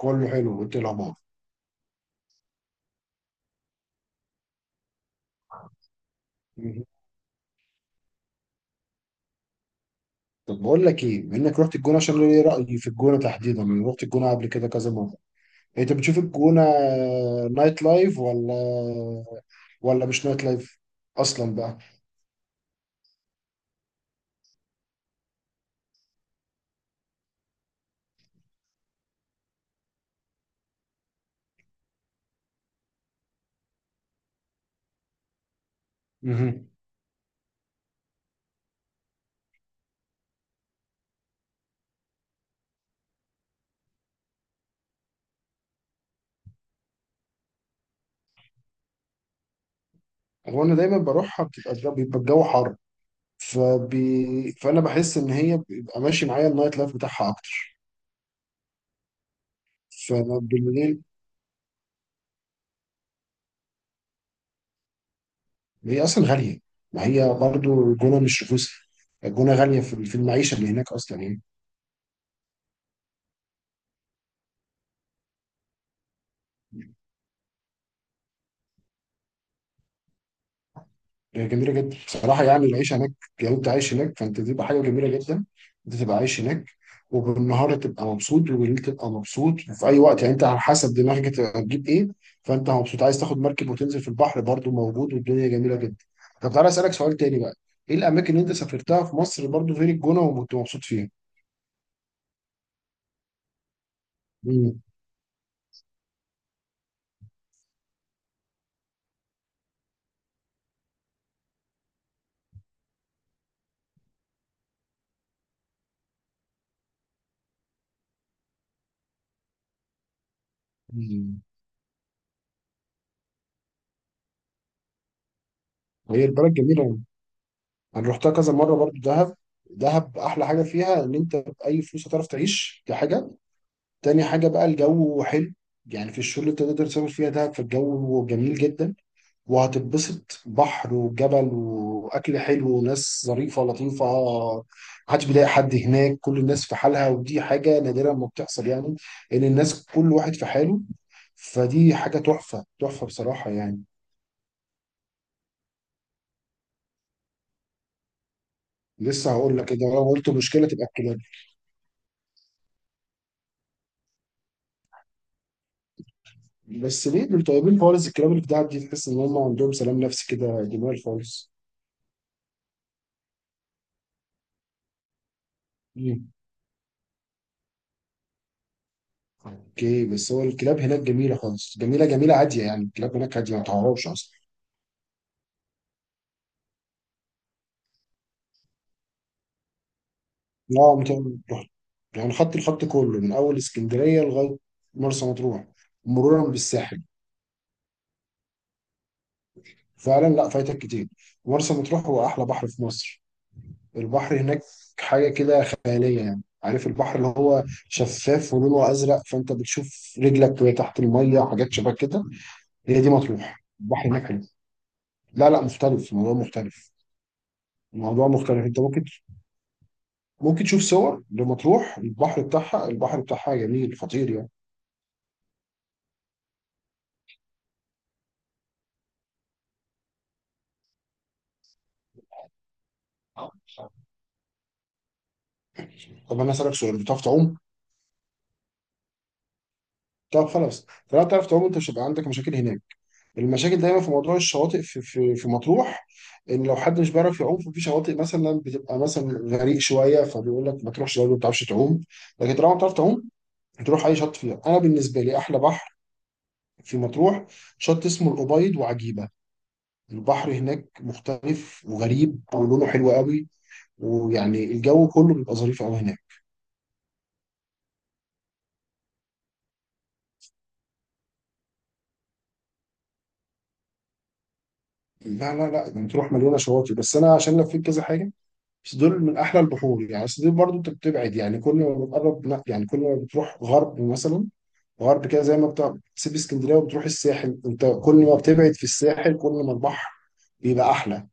كله حلو وانت إيه الاخبار؟ مهم. طب بقول لك ايه، بما انك رحت الجونه. عشان ليه رايي في الجونه تحديدا، انا رحت الجونه قبل كده كذا مره. انت بتشوف الجونه نايت لايف ولا مش نايت لايف اصلا بقى؟ مهم. هو انا دايما بروحها بتبقى بيبقى الجو حر، فانا بحس ان هي بيبقى ماشي معايا النايت لايف بتاعها اكتر، فبالليل. هي اصلا غاليه، ما هي برضو الجونه مش رخيصه. الجونه غاليه في المعيشه اللي هناك اصلا يعني. هي جميله جدا بصراحه، يعني العيش هناك لو انت عايش هناك فانت تبقى حاجه جميله جدا. انت تبقى عايش هناك، وبالنهار تبقى مبسوط وبالليل تبقى مبسوط، وفي اي وقت يعني انت على حسب دماغك انت هتجيب ايه. فانت مبسوط عايز تاخد مركب وتنزل في البحر برضو موجود، والدنيا جميله جدا. طب تعالى اسالك سؤال تاني بقى، ايه الاماكن اللي انت سافرتها في مصر برضو غير الجونه وكنت مبسوط فيها؟ مم. مم. هي البلد جميله، انا رحتها كذا مره برضو دهب. دهب احلى حاجه فيها ان انت باي فلوس هتعرف تعيش، دي حاجه. تاني حاجة بقى الجو حلو، يعني في الشغل اللي انت تقدر تسافر فيها ده، فالجو جميل جدا. وهتتبسط، بحر وجبل وأكل حلو وناس ظريفة لطيفة. محدش بيضايق حد هناك، كل الناس في حالها، ودي حاجة نادرة ما بتحصل يعني، إن الناس كل واحد في حاله. فدي حاجة تحفة تحفة بصراحة يعني. لسه هقول لك كده، لو قلت مشكلة تبقى الكلاب. بس ليه دول طيبين خالص، الكلاب اللي في دهب دي تحس إن هم عندهم سلام نفسي كده جميل خالص. اوكي، بس هو الكلاب هناك جميله خالص، جميله جميله عاديه يعني، الكلاب هناك عاديه ما تعرفش اصلا. لا مت- رحت، يعني خدت الخط كله من اول اسكندريه لغايه مرسى مطروح، مرورا بالساحل. فعلا لا، فايتك كتير. مرسى مطروح هو احلى بحر في مصر. البحر هناك حاجه كده خياليه، يعني عارف البحر اللي هو شفاف ولونه ازرق، فانت بتشوف رجلك وهي تحت الميه وحاجات شبه كده. هي دي مطروح، البحر هناك حلو. لا لا، مختلف، الموضوع مختلف. الموضوع مختلف، انت ممكن تشوف صور لمطروح، البحر بتاعها، البحر بتاعها جميل خطير يعني. طب انا اسالك سؤال، بتعرف تعوم؟ طب خلاص، طالما بتعرف تعوم انت مش هيبقى عندك مشاكل هناك. المشاكل دايما في موضوع الشواطئ في مطروح، ان لو حد مش بيعرف يعوم ففي شواطئ مثلا بتبقى مثلا غريق شويه، فبيقول لك ما تروحش لو ما بتعرفش تعوم. لكن طالما بتعرف تعوم هتروح اي شط فيها. انا بالنسبه لي احلى بحر في مطروح شط اسمه الأبيض وعجيبه. البحر هناك مختلف وغريب ولونه حلو قوي، ويعني الجو كله بيبقى ظريف قوي هناك. لا لا لا، يعني تروح مليانه شواطئ، بس انا عشان لفيت كذا حاجه بس، دول من احلى البحور يعني. بس دي برضه انت بتبعد، يعني كل ما بتقرب لا، يعني كل ما بتروح غرب مثلا، غرب كده زي ما بتاع بتسيب اسكندريه وبتروح الساحل، انت كل ما بتبعد في الساحل كل ما البحر بيبقى احلى.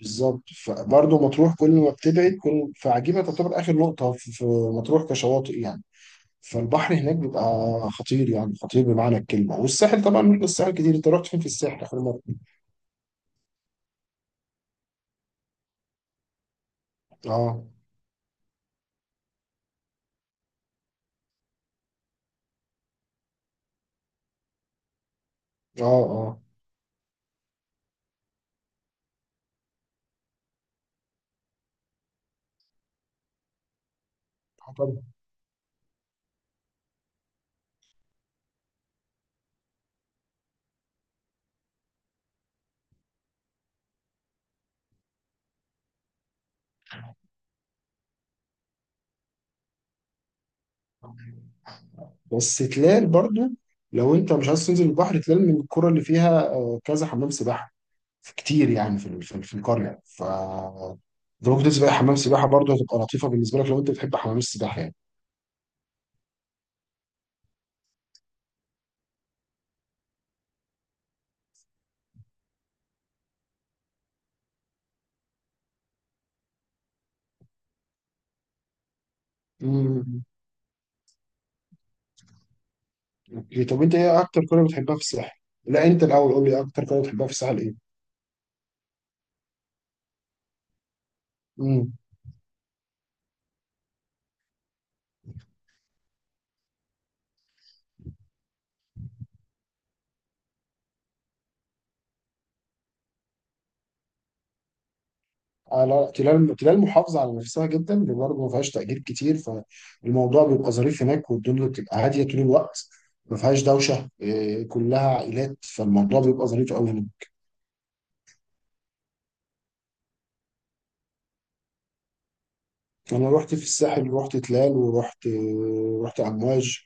بالظبط، فبرضه مطروح كل ما بتبعد كل، فعجيبه تعتبر اخر نقطه في مطروح كشواطئ يعني. فالبحر هناك بيبقى خطير، يعني خطير بمعنى الكلمة. والساحل طبعا رحنا الساحل كتير، انت رحت فين في الساحل آخر مرة؟ اه اه اه. آه طبعا. بس تلال برضو، لو انت مش عايز تنزل البحر، تلال من القرى اللي فيها كذا حمام سباحة كتير يعني، في في القرية، ف انت ممكن تنزل بقى حمام سباحة، برضو هتبقى لطيفة بالنسبة لك لو انت بتحب حمام السباحة يعني. امم اوكي، طب انت ايه اكتر قرية بتحبها في الساحل؟ لا، انت الاول قول لي اكتر قرية بتحبها في الساحل. ايه؟ على تلاقي المحافظه على نفسها جدا، اللي برضه ما فيهاش تأجير كتير، فالموضوع بيبقى ظريف هناك والدنيا بتبقى هاديه طول الوقت. ما فيهاش دوشه إيه، كلها عائلات، فالموضوع بيبقى ظريف قوي هناك. انا رحت في الساحل، رحت تلال، ورحت امواج.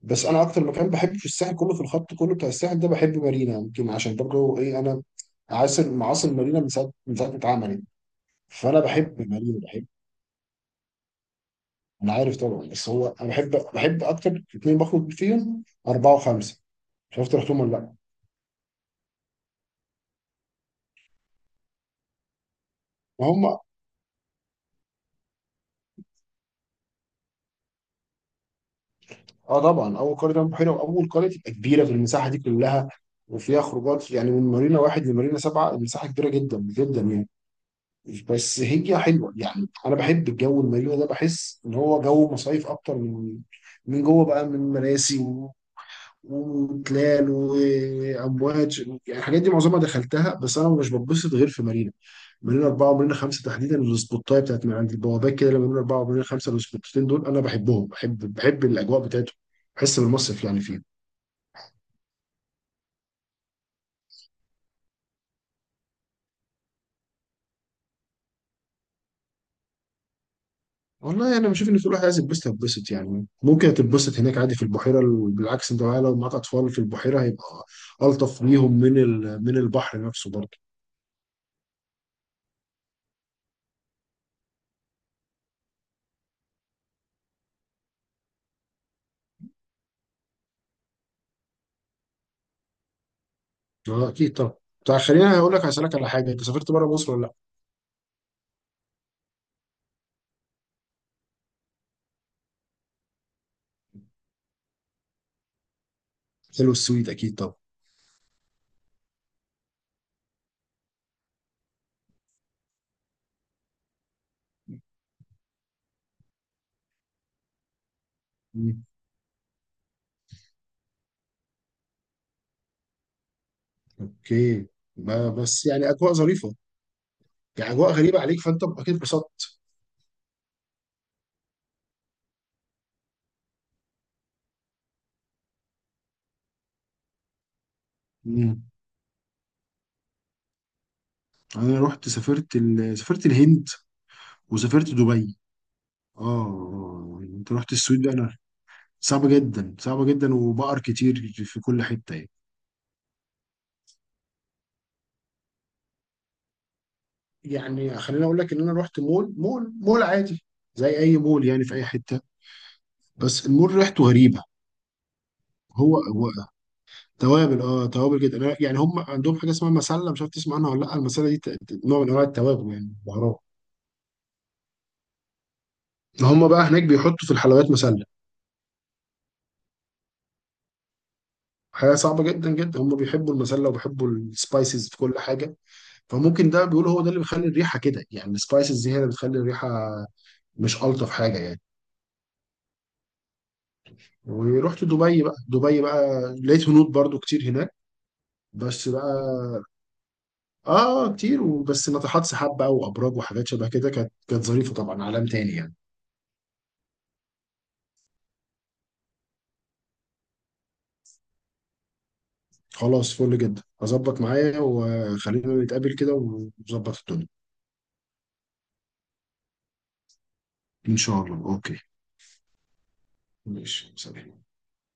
بس انا اكتر مكان بحب في الساحل كله، في الخط كله بتاع الساحل ده، بحب مارينا، يمكن عشان برضه ايه، انا عاصر معاصر مارينا من ساعه ما اتعملت. فانا بحب مارينا بحب. انا عارف طبعا، بس هو انا بحب اكتر اتنين بخرج فيهم، 4 و5، مش عارف رحتهم ولا لا. وهم اه طبعا، اول قريه تعمل بحيره واول قريه تبقى كبيره في المساحه دي كلها، وفيها خروجات يعني، من مارينا 1 لمارينا سبعه، المساحه كبيره جدا جدا يعني. بس هي حلوه يعني، انا بحب الجو المارينا ده، بحس ان هو جو مصايف اكتر من جوه بقى، من مراسي وتلال وامواج. يعني الحاجات دي معظمها دخلتها، بس انا مش بتبسط غير في مارينا، مننا 4 ومننا 5 تحديدا. السبوتايه بتاعت من عند البوابات كده، لما مننا 4 ومننا 5 السبوتتين دول انا بحبهم، بحب الاجواء بتاعتهم، بحس بالمصيف يعني فيهم. والله انا بشوف ان في واحد عايز يتبسط يتبسط، يعني ممكن تتبسط هناك عادي في البحيره. بالعكس، انت بقى لو معاك اطفال في البحيره هيبقى الطف ليهم من البحر نفسه برضه. اه اكيد طبعا. طب خليني هقول لك، هسالك على حاجه، انت سافرت بره مصر ولا لا؟ حلو، السويد اكيد طبعا. مم. اوكي. بس يعني اجواء ظريفه، يعني اجواء غريبه عليك، فانت اكيد اتبسطت. انا رحت، سافرت سافرت الهند وسافرت دبي. اه آه. انت رحت السويد بقى، انا صعبة جدا، صعبة جدا، وبقر كتير في كل حتة يعني. يعني خليني اقول لك ان انا رحت مول مول مول عادي، زي اي مول يعني في اي حتة، بس المول ريحته غريبة. هو هو، توابل، اه توابل جدا. يعني هم عندهم حاجة اسمها مسلة، مش عارف تسمع عنها ولا لا. المسلة دي نوع من انواع التوابل يعني، بهارات. هم بقى هناك بيحطوا في الحلويات مسلة، حاجة صعبة جدا جدا. هم بيحبوا المسلة وبيحبوا السبايسز في كل حاجة، فممكن ده بيقول، هو ده اللي بيخلي الريحه كده يعني، السبايسز دي هي اللي بتخلي الريحه مش الطف حاجه يعني. ورحت دبي بقى، دبي بقى لقيت هنود برضو كتير هناك. بس بقى اه آه، كتير، وبس ناطحات سحاب بقى وابراج وحاجات شبه كده، كانت ظريفه طبعا، عالم تاني يعني. خلاص، فل جدا، اظبط معايا وخلينا نتقابل كده ونظبط الدنيا. ان شاء الله، اوكي. ماشي سلام.